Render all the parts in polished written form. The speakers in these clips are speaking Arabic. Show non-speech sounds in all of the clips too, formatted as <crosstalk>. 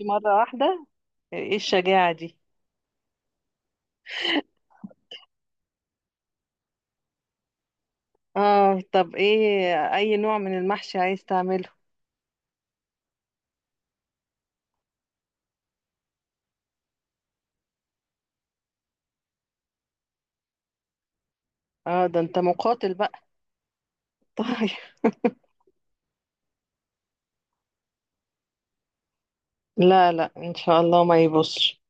مرة واحدة، ايه الشجاعة دي؟ اه، طب ايه اي نوع من المحشي عايز تعمله؟ اه، ده انت مقاتل بقى. <laughs> طيب. لا لا، ان شاء الله ما يبصش.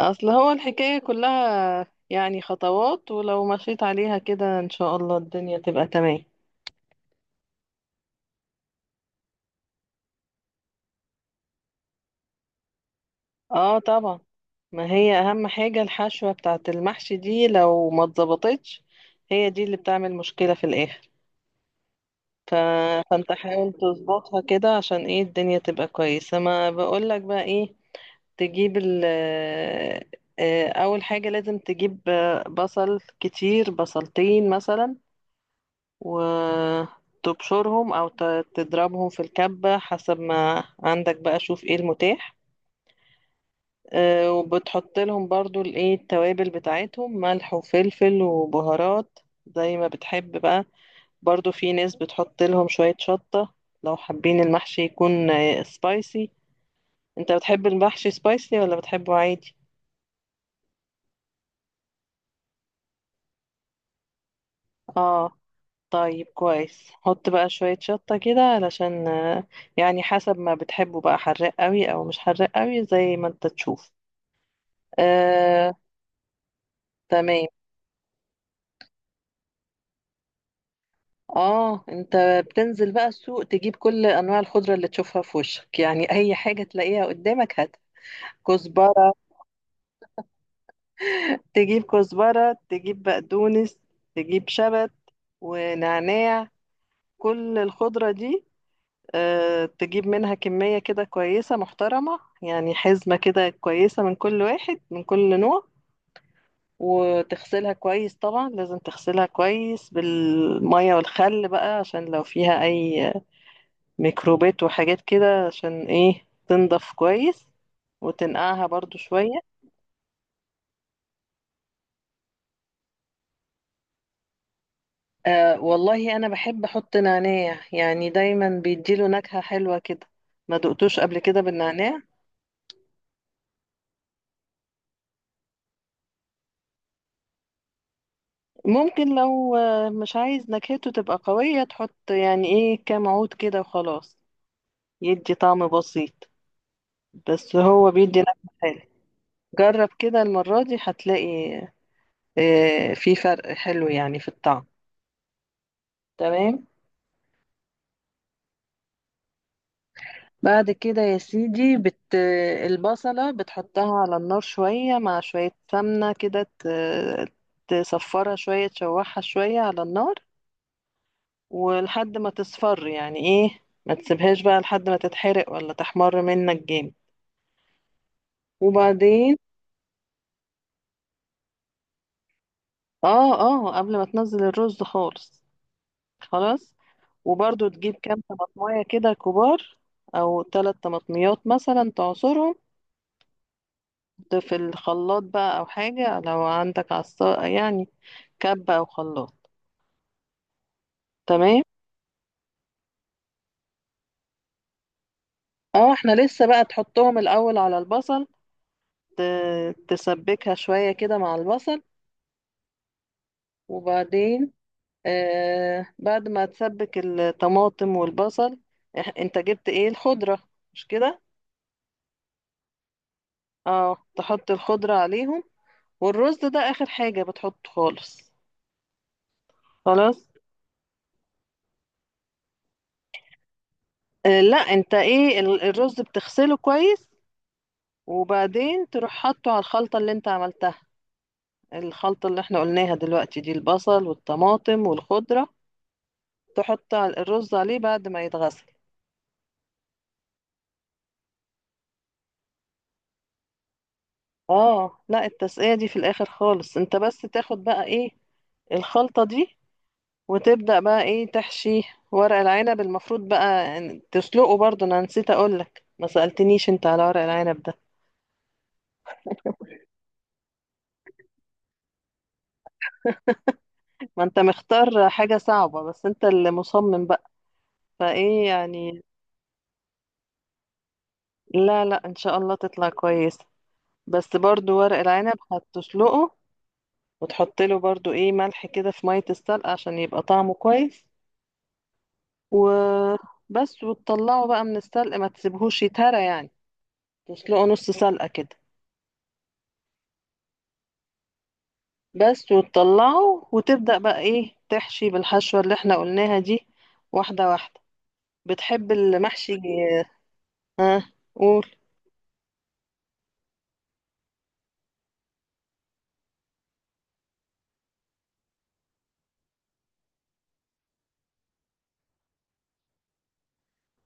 اصل هو الحكاية كلها يعني خطوات، ولو مشيت عليها كده ان شاء الله الدنيا تبقى تمام. اه، طبعا. ما هي اهم حاجة الحشوة بتاعت المحشي دي، لو ما اتظبطتش هي دي اللي بتعمل مشكلة في الاخر. ف... فانت حاول تظبطها كده عشان ايه الدنيا تبقى كويسة. ما بقولك بقى ايه. تجيب ال آه، اول حاجة لازم تجيب بصل كتير، بصلتين مثلا. وتبشرهم او تضربهم في الكبة حسب ما عندك بقى، شوف ايه المتاح. وبتحط لهم برضو الايه التوابل بتاعتهم، ملح وفلفل وبهارات زي ما بتحب بقى. برضو في ناس بتحط لهم شوية شطة لو حابين المحشي يكون سبايسي. انت بتحب المحشي سبايسي ولا بتحبه عادي؟ اه، طيب كويس. حط بقى شوية شطة كده علشان يعني حسب ما بتحبه بقى، حراق قوي او مش حراق قوي زي ما انت تشوف. آه تمام. اه، انت بتنزل بقى السوق تجيب كل انواع الخضرة اللي تشوفها في وشك، يعني اي حاجة تلاقيها قدامك هات. كزبرة، تجيب كزبرة، تجيب بقدونس، تجيب شبت ونعناع، كل الخضرة دي. تجيب منها كمية كده كويسة محترمة، يعني حزمة كده كويسة من كل واحد من كل نوع. وتغسلها كويس، طبعا لازم تغسلها كويس بالمية والخل بقى عشان لو فيها أي ميكروبات وحاجات كده، عشان ايه تنضف كويس. وتنقعها برضو شوية. أه والله، أنا بحب أحط نعناع، يعني دايما بيديله نكهة حلوة كده. ما دقتوش قبل كده بالنعناع؟ ممكن لو مش عايز نكهته تبقى قوية، تحط يعني إيه كام عود كده وخلاص، يدي طعم بسيط، بس هو بيدي نكهة حلوة. جرب كده المرة دي هتلاقي في فرق حلو يعني في الطعم. تمام. بعد كده يا سيدي، البصلة بتحطها على النار شوية مع شوية سمنة كده، تصفرها شوية، تشوحها شوية على النار ولحد ما تصفر، يعني ايه ما تسيبهاش بقى لحد ما تتحرق ولا تحمر منك جامد. وبعدين اه، اه، قبل ما تنزل الرز خالص. خلاص. وبرضو تجيب كام طماطماية كده كبار، او 3 طماطميات مثلا، تعصرهم ده في الخلاط بقى او حاجة، لو عندك عصا يعني كب او خلاط. تمام. اه، احنا لسه بقى تحطهم الاول على البصل، تسبكها شوية كده مع البصل وبعدين آه، بعد ما تسبك الطماطم والبصل انت جبت ايه الخضرة، مش كده؟ اه، تحط الخضرة عليهم، والرز ده اخر حاجة بتحطه خالص. خلاص. لا، انت ايه الرز بتغسله كويس، وبعدين تروح حاطه على الخلطة اللي انت عملتها، الخلطة اللي احنا قلناها دلوقتي دي، البصل والطماطم والخضرة. تحط الرز عليه بعد ما يتغسل. اه لا، التسقية دي في الاخر خالص. انت بس تاخد بقى ايه الخلطة دي وتبدأ بقى ايه تحشي. ورق العنب المفروض بقى تسلقه برضه، انا نسيت اقولك، ما سألتنيش انت على ورق العنب ده. ما انت مختار حاجة صعبة، بس انت اللي مصمم بقى، فايه يعني. لا لا، ان شاء الله تطلع كويس. بس برضو ورق العنب هتسلقه، وتحط له برضو ايه ملح كده في مية السلق عشان يبقى طعمه كويس، وبس. وتطلعه بقى من السلق، ما تسيبهوش يتهرى يعني، تسلقه نص سلقة كده بس. وتطلعه وتبدأ بقى ايه تحشي بالحشوة اللي احنا قلناها دي، واحدة واحدة. بتحب المحشي، قول.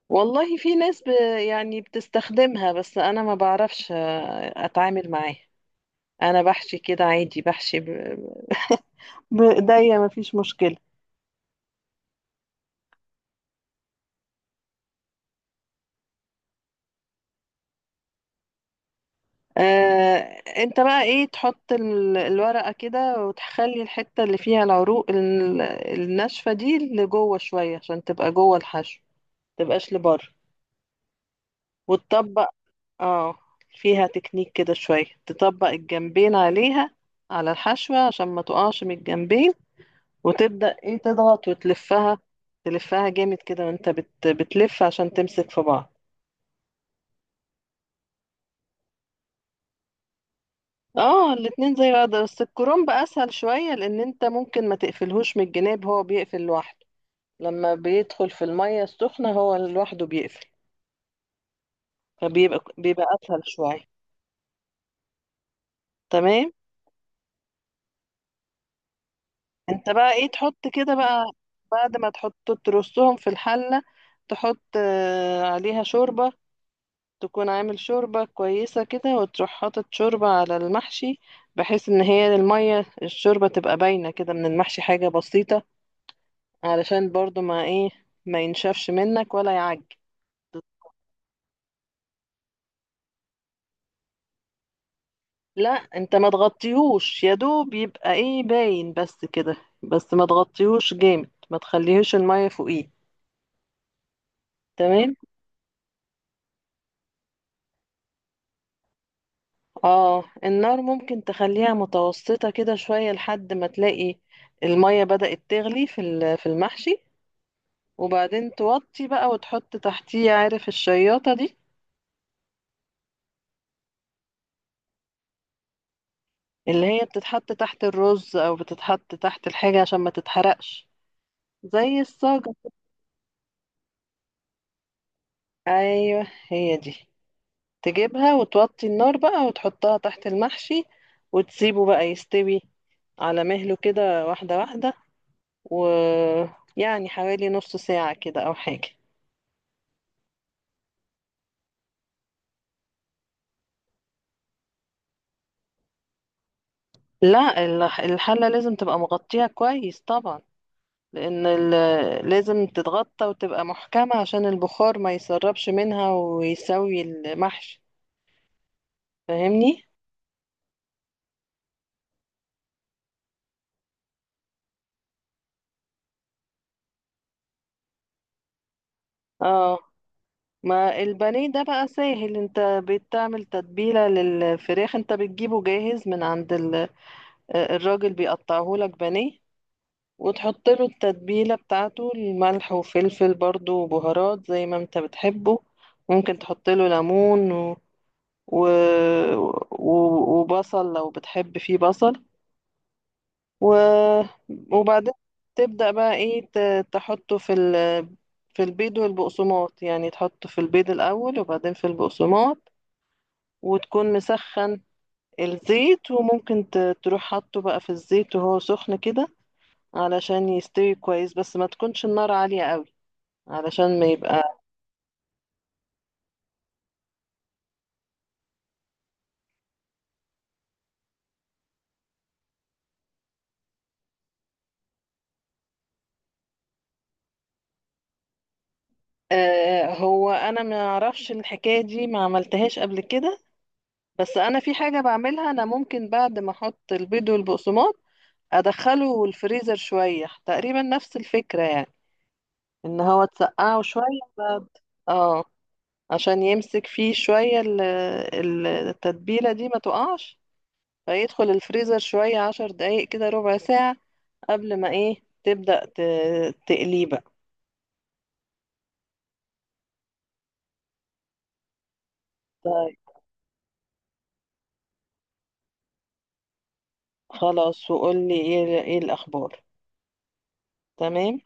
والله في ناس يعني بتستخدمها، بس انا ما بعرفش اتعامل معاها. انا بحشي كده عادي، بحشي بايديا، مفيش مشكلة. آه، انت بقى ايه تحط الورقة كده، وتخلي الحتة اللي فيها العروق الناشفة دي لجوه شوية عشان تبقى جوه الحشو، متبقاش لبره. وتطبق. اه، فيها تكنيك كده شوية، تطبق الجنبين عليها على الحشوة عشان ما تقعش من الجنبين. وتبدأ ايه تضغط وتلفها، تلفها جامد كده وانت بتلف عشان تمسك في بعض. اه، الاتنين زي بعض، بس الكرنب اسهل شوية لان انت ممكن ما تقفلهوش من الجناب، هو بيقفل لوحده لما بيدخل في المية السخنة، هو لوحده بيقفل، فبيبقى اسهل شوية. تمام. انت بقى ايه تحط كده بقى، بعد ما تحط ترصهم في الحلة، تحط عليها شوربة. تكون عامل شوربة كويسة كده، وتروح حاطط شوربة على المحشي بحيث ان هي المية الشوربة تبقى باينة كده من المحشي حاجة بسيطة، علشان برضو ما ايه، ما ينشفش منك ولا يعج. لا، انت ما تغطيهوش، يا دوب يبقى ايه باين بس كده، بس ما تغطيهوش جامد، ما تخليهوش المية فوقيه. تمام. اه، النار ممكن تخليها متوسطة كده شوية لحد ما تلاقي المية بدأت تغلي في في المحشي، وبعدين توطي بقى وتحط تحتيه. عارف الشياطة دي اللي هي بتتحط تحت الرز او بتتحط تحت الحاجة عشان ما تتحرقش، زي الصاج. ايوه، هي دي. تجيبها وتوطي النار بقى وتحطها تحت المحشي، وتسيبه بقى يستوي على مهله كده، واحدة واحدة. ويعني حوالي نص ساعة كده أو حاجة. لا، الحلة لازم تبقى مغطيها كويس طبعا، لأن لازم تتغطى وتبقى محكمة عشان البخار ما يسربش منها ويسوي المحشي. فاهمني؟ اه، ما البانيه ده بقى سهل، انت بتعمل تتبيلة للفراخ، انت بتجيبه جاهز من عند الراجل بيقطعه لك بانيه، وتحط له التتبيلة بتاعته، الملح وفلفل برضو وبهارات زي ما انت بتحبه. ممكن تحط له ليمون و... و... وبصل لو بتحب فيه بصل، و... وبعدين تبدأ بقى ايه تحطه في في البيض والبقسماط. يعني تحطه في البيض الأول وبعدين في البقسماط، وتكون مسخن الزيت، وممكن تروح حاطه بقى في الزيت وهو سخن كده علشان يستوي كويس، بس ما تكونش النار عالية قوي علشان ما يبقى. آه، هو انا ما اعرفش الحكاية دي، ما عملتهاش قبل كده. بس انا في حاجة بعملها انا، ممكن بعد ما احط البيض والبقسماط ادخله الفريزر شوية، تقريبا نفس الفكرة يعني، ان هو تسقعه شوية بعد. اه، عشان يمسك فيه شوية التتبيلة دي، ما تقعش. فيدخل الفريزر شوية، 10 دقايق كده، ربع ساعة قبل ما ايه تبدأ تقليه بقى. طيب، خلاص، وقول لي ايه الأخبار. تمام.